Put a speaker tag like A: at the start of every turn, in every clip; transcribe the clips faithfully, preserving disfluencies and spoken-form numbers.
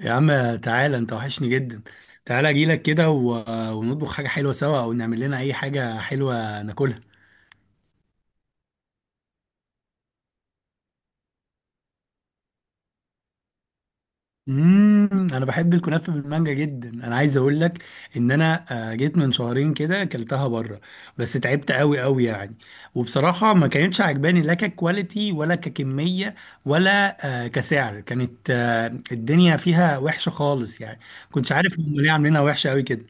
A: يا عم تعالى، انت وحشني جدا. تعالى اجيلك كده و... ونطبخ حاجة حلوة سوا، او نعمل لنا اي حاجة حلوة ناكلها. امم انا بحب الكنافة بالمانجا جدا. انا عايز اقول لك ان انا آه، جيت من شهرين كده اكلتها بره، بس تعبت قوي قوي يعني. وبصراحة ما كانتش عجباني، لا ككواليتي ولا ككمية ولا آه، كسعر. كانت آه، الدنيا فيها وحشة خالص يعني. كنتش عارف هم ليه عاملينها وحشة قوي كده.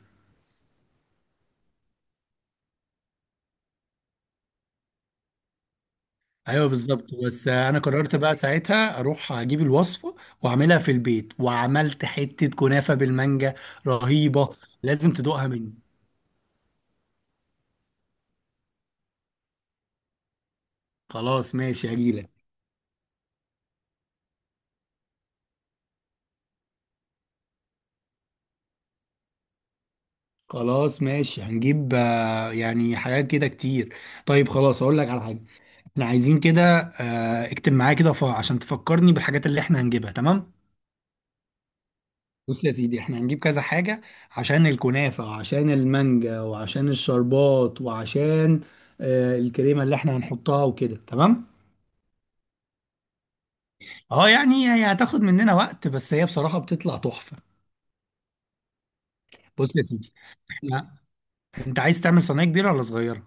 A: ايوه بالظبط، بس انا قررت بقى ساعتها اروح اجيب الوصفه، واعملها في البيت. وعملت حته كنافه بالمانجا رهيبه، لازم تدوقها مني. خلاص ماشي، هجيلك. خلاص ماشي، هنجيب آه، يعني حاجات كده كتير. طيب خلاص، اقول لك على حاجه. احنا عايزين كده آه، اكتب معايا كده ف- عشان تفكرني بالحاجات اللي احنا هنجيبها، تمام. بص يا سيدي، احنا هنجيب كذا حاجه: عشان الكنافه، وعشان المانجا، وعشان الشربات، وعشان آه، الكريمه اللي احنا هنحطها وكده، تمام. اه يعني هي هتاخد مننا وقت، بس هي بصراحة بتطلع تحفة. بص يا سيدي، احنا انت عايز تعمل صينية كبيرة ولا صغيرة؟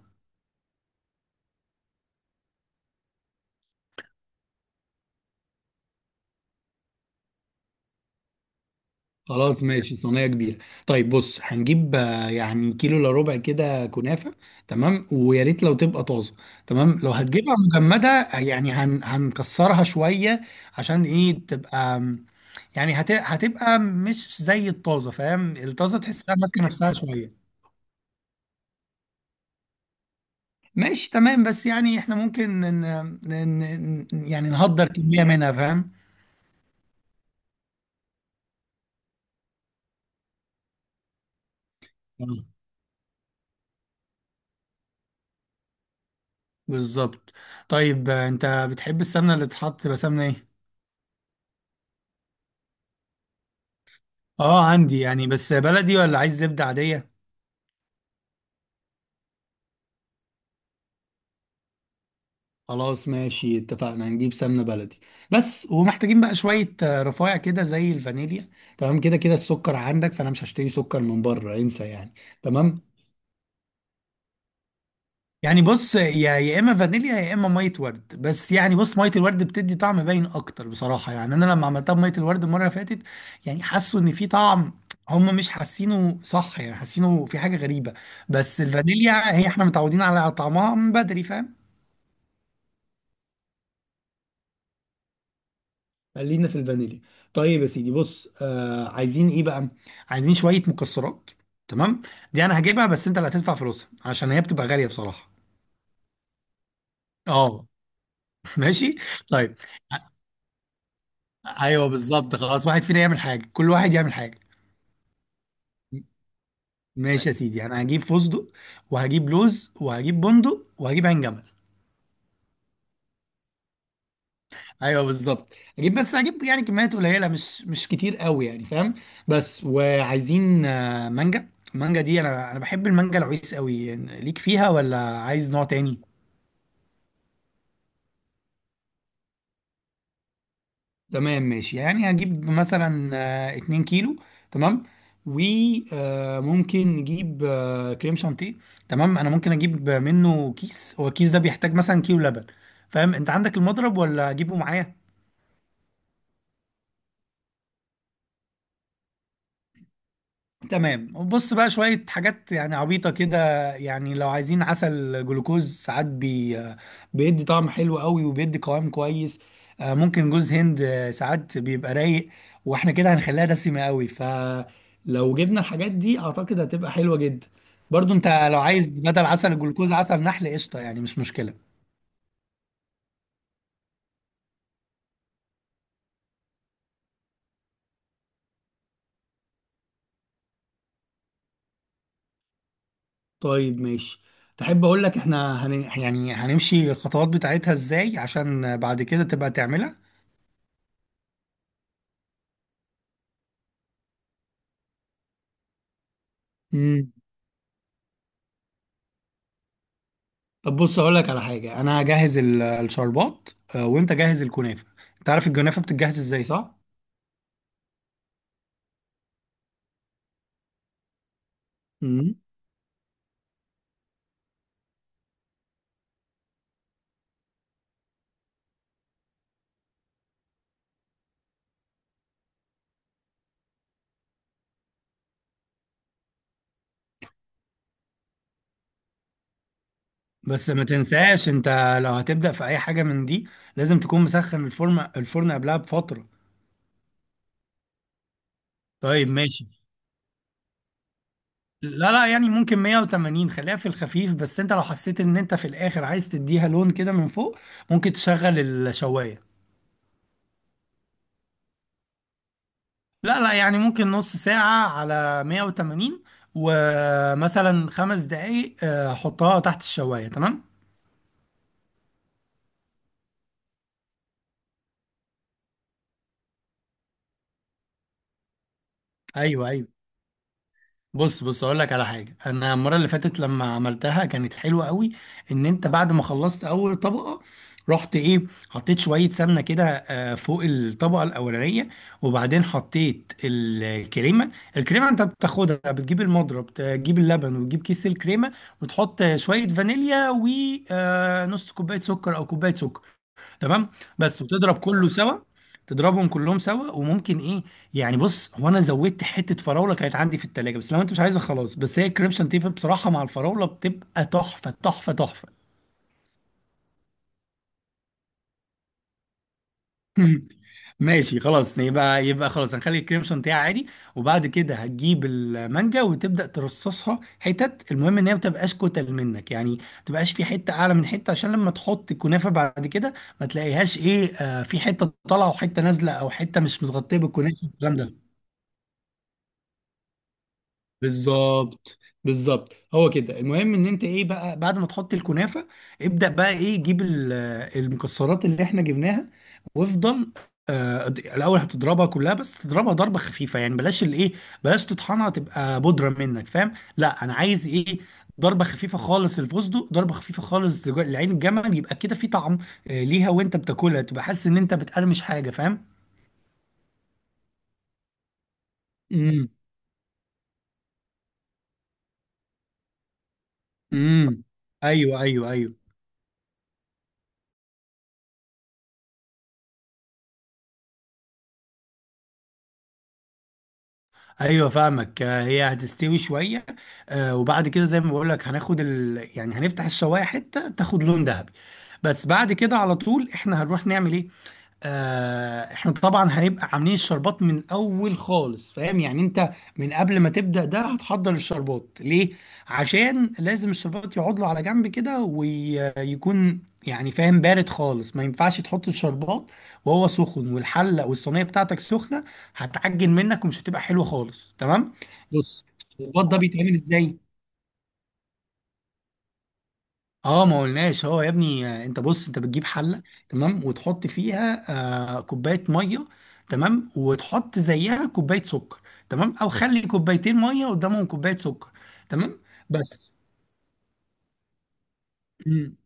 A: خلاص ماشي، صينية كبيرة. طيب بص، هنجيب آه، يعني كيلو الا ربع كده كنافة. تمام، ويا ريت لو تبقى طازة. تمام، لو هتجيبها مجمدة آه، يعني هن... هنكسرها شوية. عشان ايه تبقى آم، يعني هت... هتبقى مش زي الطازة، فاهم؟ الطازة تحسها ماسكة نفسها شوية. ماشي تمام، بس يعني احنا ممكن ن... ن... ن... يعني نهدر كمية منها، فاهم. آه. بالظبط. طيب آه، انت بتحب السمنة اللي تتحط تبقى سمنة ايه؟ اه عندي يعني، بس بلدي ولا عايز زبدة عادية؟ خلاص ماشي، اتفقنا هنجيب سمنة بلدي. بس ومحتاجين بقى شوية آه، رفايع كده زي الفانيليا. تمام، كده كده السكر عندك، فانا مش هشتري سكر من بره، انسى يعني. تمام، يعني بص يا يا اما فانيليا يا اما ميه ورد. بس يعني بص، ميه الورد بتدي طعم باين اكتر بصراحه. يعني انا لما عملتها بميه الورد المره اللي فاتت، يعني حسوا ان في طعم، هم مش حاسينه صح، يعني حاسينه في حاجه غريبه. بس الفانيليا هي احنا متعودين على طعمها من بدري، فاهم. خلينا في الفانيليا. طيب يا سيدي بص، آه عايزين ايه بقى؟ عايزين شويه مكسرات. تمام، دي انا هجيبها، بس انت اللي هتدفع فلوسها عشان هي بتبقى غاليه بصراحه. اه ماشي. طيب ايوه بالظبط، خلاص واحد فينا يعمل حاجه، كل واحد يعمل حاجه. ماشي يا ماشي سيدي، انا هجيب فستق، وهجيب لوز، وهجيب بندق، وهجيب عين جمل. ايوه بالظبط. هجيب بس هجيب يعني كميات قليله، مش مش كتير قوي يعني، فاهم. بس وعايزين آه، مانجا. المانجا دي انا انا بحب المانجا العويس قوي، ليك فيها ولا عايز نوع تاني؟ تمام ماشي، يعني هجيب مثلا آه، اثنين كيلو. تمام، وممكن نجيب آه، كريم شانتيه. تمام انا ممكن اجيب منه كيس، هو الكيس ده بيحتاج مثلا كيلو لبن، فاهم. انت عندك المضرب ولا اجيبه معايا؟ تمام، وبص بقى شوية حاجات يعني عبيطة كده. يعني لو عايزين عسل جلوكوز، ساعات بي بيدي طعم حلو قوي، وبيدي قوام كويس. آه، ممكن جوز هند، آه، ساعات بيبقى رايق، واحنا كده هنخليها دسمة قوي. فلو جبنا الحاجات دي اعتقد هتبقى حلوة جدا. برضو انت، لو عايز بدل عسل الجلوكوز عسل نحل قشطة، يعني مش مشكلة. طيب ماشي. تحب اقول لك احنا هن... يعني هنمشي الخطوات بتاعتها ازاي، عشان بعد كده تبقى تعملها؟ مم. طب بص اقول لك على حاجه، انا هجهز ال- الشربات، آه، وانت جهز الكنافه. انت عارف الكنافه بتتجهز ازاي، صح؟ امم بس ما تنساش انت، لو هتبدا في اي حاجه من دي، لازم تكون مسخن الفرن الفرن قبلها بفتره. طيب ماشي، لا لا، يعني ممكن مية وتمانين، خليها في الخفيف. بس انت لو حسيت ان انت في الاخر عايز تديها لون كده من فوق، ممكن تشغل الشوايه. لا لا، يعني ممكن نص ساعه على مية وتمانين، ومثلا خمس دقايق آه، حطها تحت الشوايه، تمام. ايوه ايوه. بص بص، اقول لك على حاجه. انا المره اللي فاتت لما عملتها كانت حلوه قوي، ان انت بعد ما خلصت اول طبقه، رحت ايه، حطيت شويه سمنه كده آه، فوق الطبقه الاولانيه. وبعدين حطيت ال- الكريمه. الكريمه انت بتاخدها، بتجيب المضرب، تجيب اللبن، وتجيب كيس الكريمه، وتحط شويه فانيليا ونص كوبايه سكر او كوبايه سكر، تمام بس. وتضرب كله سوا، تضربهم كلهم سوا. وممكن ايه، يعني بص هو انا زودت حته فراوله كانت عندي في التلاجة، بس لو انت مش عايزها خلاص. بس هي الكريمشن تيب بصراحه مع الفراوله بتبقى تحفه تحفه تحفه. مم. ماشي خلاص، يبقى يبقى خلاص هنخلي الكريم شانتيه عادي. وبعد كده هتجيب المانجا وتبدأ ترصصها حتت. المهم ان هي ما تبقاش كتل منك، يعني ما تبقاش في حتة اعلى من حتة، عشان لما تحط الكنافة بعد كده ما تلاقيهاش ايه آه في حتة طالعة وحتة نازلة، او حتة مش متغطية بالكنافة والكلام ده. بالظبط، بالظبط. هو كده. المهم ان انت ايه بقى بعد ما تحط الكنافه، ابدا بقى ايه، جيب ال- المكسرات اللي احنا جبناها وافضل. آه الاول هتضربها كلها، بس تضربها ضربه خفيفه، يعني بلاش الايه، بلاش تطحنها تبقى بودره منك، فاهم. لا انا عايز ايه، ضربه خفيفه خالص الفستق، ضربه خفيفه خالص لج- لعين الجمل يبقى كده في طعم آه ليها، وانت بتاكلها تبقى حاسس ان انت بتقرمش حاجه، فاهم. امم، امم، ايوه ايوه ايوه ايوه فاهمك. آه، هي هتستوي شويه، آه، وبعد كده زي ما بقول لك هناخد ال... يعني هنفتح الشوايه حته تاخد لون ذهبي. بس بعد كده على طول احنا هنروح نعمل ايه؟ آه، احنا طبعا هنبقى عاملين الشربات من الاول خالص، فاهم يعني. انت من قبل ما تبدأ ده هتحضر الشربات ليه؟ عشان لازم الشربات يقعد له على جنب كده ويكون يعني فاهم بارد خالص. ما ينفعش تحط الشربات وهو سخن والحلة والصينية بتاعتك سخنة، هتعجن منك ومش هتبقى حلوة خالص، تمام. بص، الشربات ده بيتعمل ازاي؟ اه ما قلناش. هو يا ابني، آه، انت بص انت بتجيب حله، تمام، وتحط فيها آه كوبايه ميه، تمام، وتحط زيها كوبايه سكر. تمام، او خلي كوبايتين ميه قدامهم كوبايه سكر، تمام بس. مم.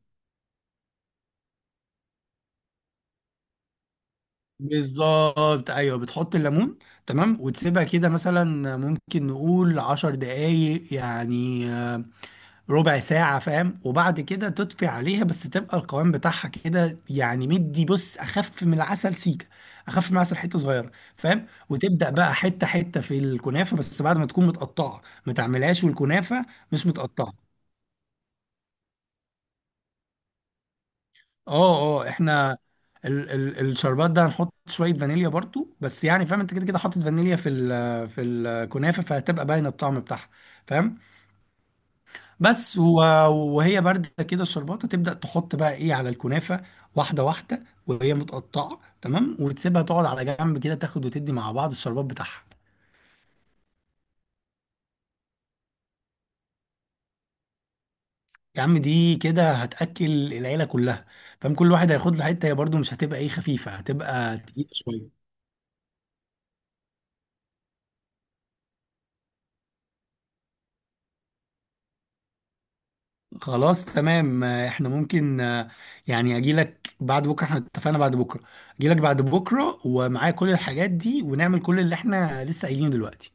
A: بالظبط، ايوه بتحط الليمون. تمام وتسيبها كده مثلا، ممكن نقول عشر دقايق يعني، آه، ربع ساعة، فاهم. وبعد كده تطفي عليها، بس تبقى القوام بتاعها كده يعني، مدي بص، أخف من العسل سيكة، أخف من العسل حتة صغيرة، فاهم. وتبدأ بقى حتة حتة في الكنافة، بس بعد ما تكون متقطعة، ما تعملهاش والكنافة مش متقطعة. اه اه، احنا ال ال الشربات ده هنحط شوية فانيليا برضو، بس يعني فاهم انت كده كده حاطط فانيليا في ال في الكنافة، فهتبقى باين الطعم بتاعها، فاهم. بس و- وهي باردة كده الشربات، تبدأ تحط بقى ايه على الكنافة واحدة واحدة وهي متقطعة، تمام، وتسيبها تقعد على جنب كده تاخد وتدي مع بعض الشربات بتاعها. يا عم دي كده هتأكل العيلة كلها، فاهم. كل واحد هياخد له حتة، هي برضو مش هتبقى ايه خفيفة، هتبقى تقيلة شوية. خلاص تمام، آه، احنا ممكن آه، يعني اجي لك بعد بكره. احنا اتفقنا بعد بكره، اجي لك بعد بكره ومعايا كل الحاجات دي، ونعمل كل اللي احنا لسه قايلينه دلوقتي.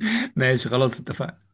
A: ماشي خلاص اتفقنا.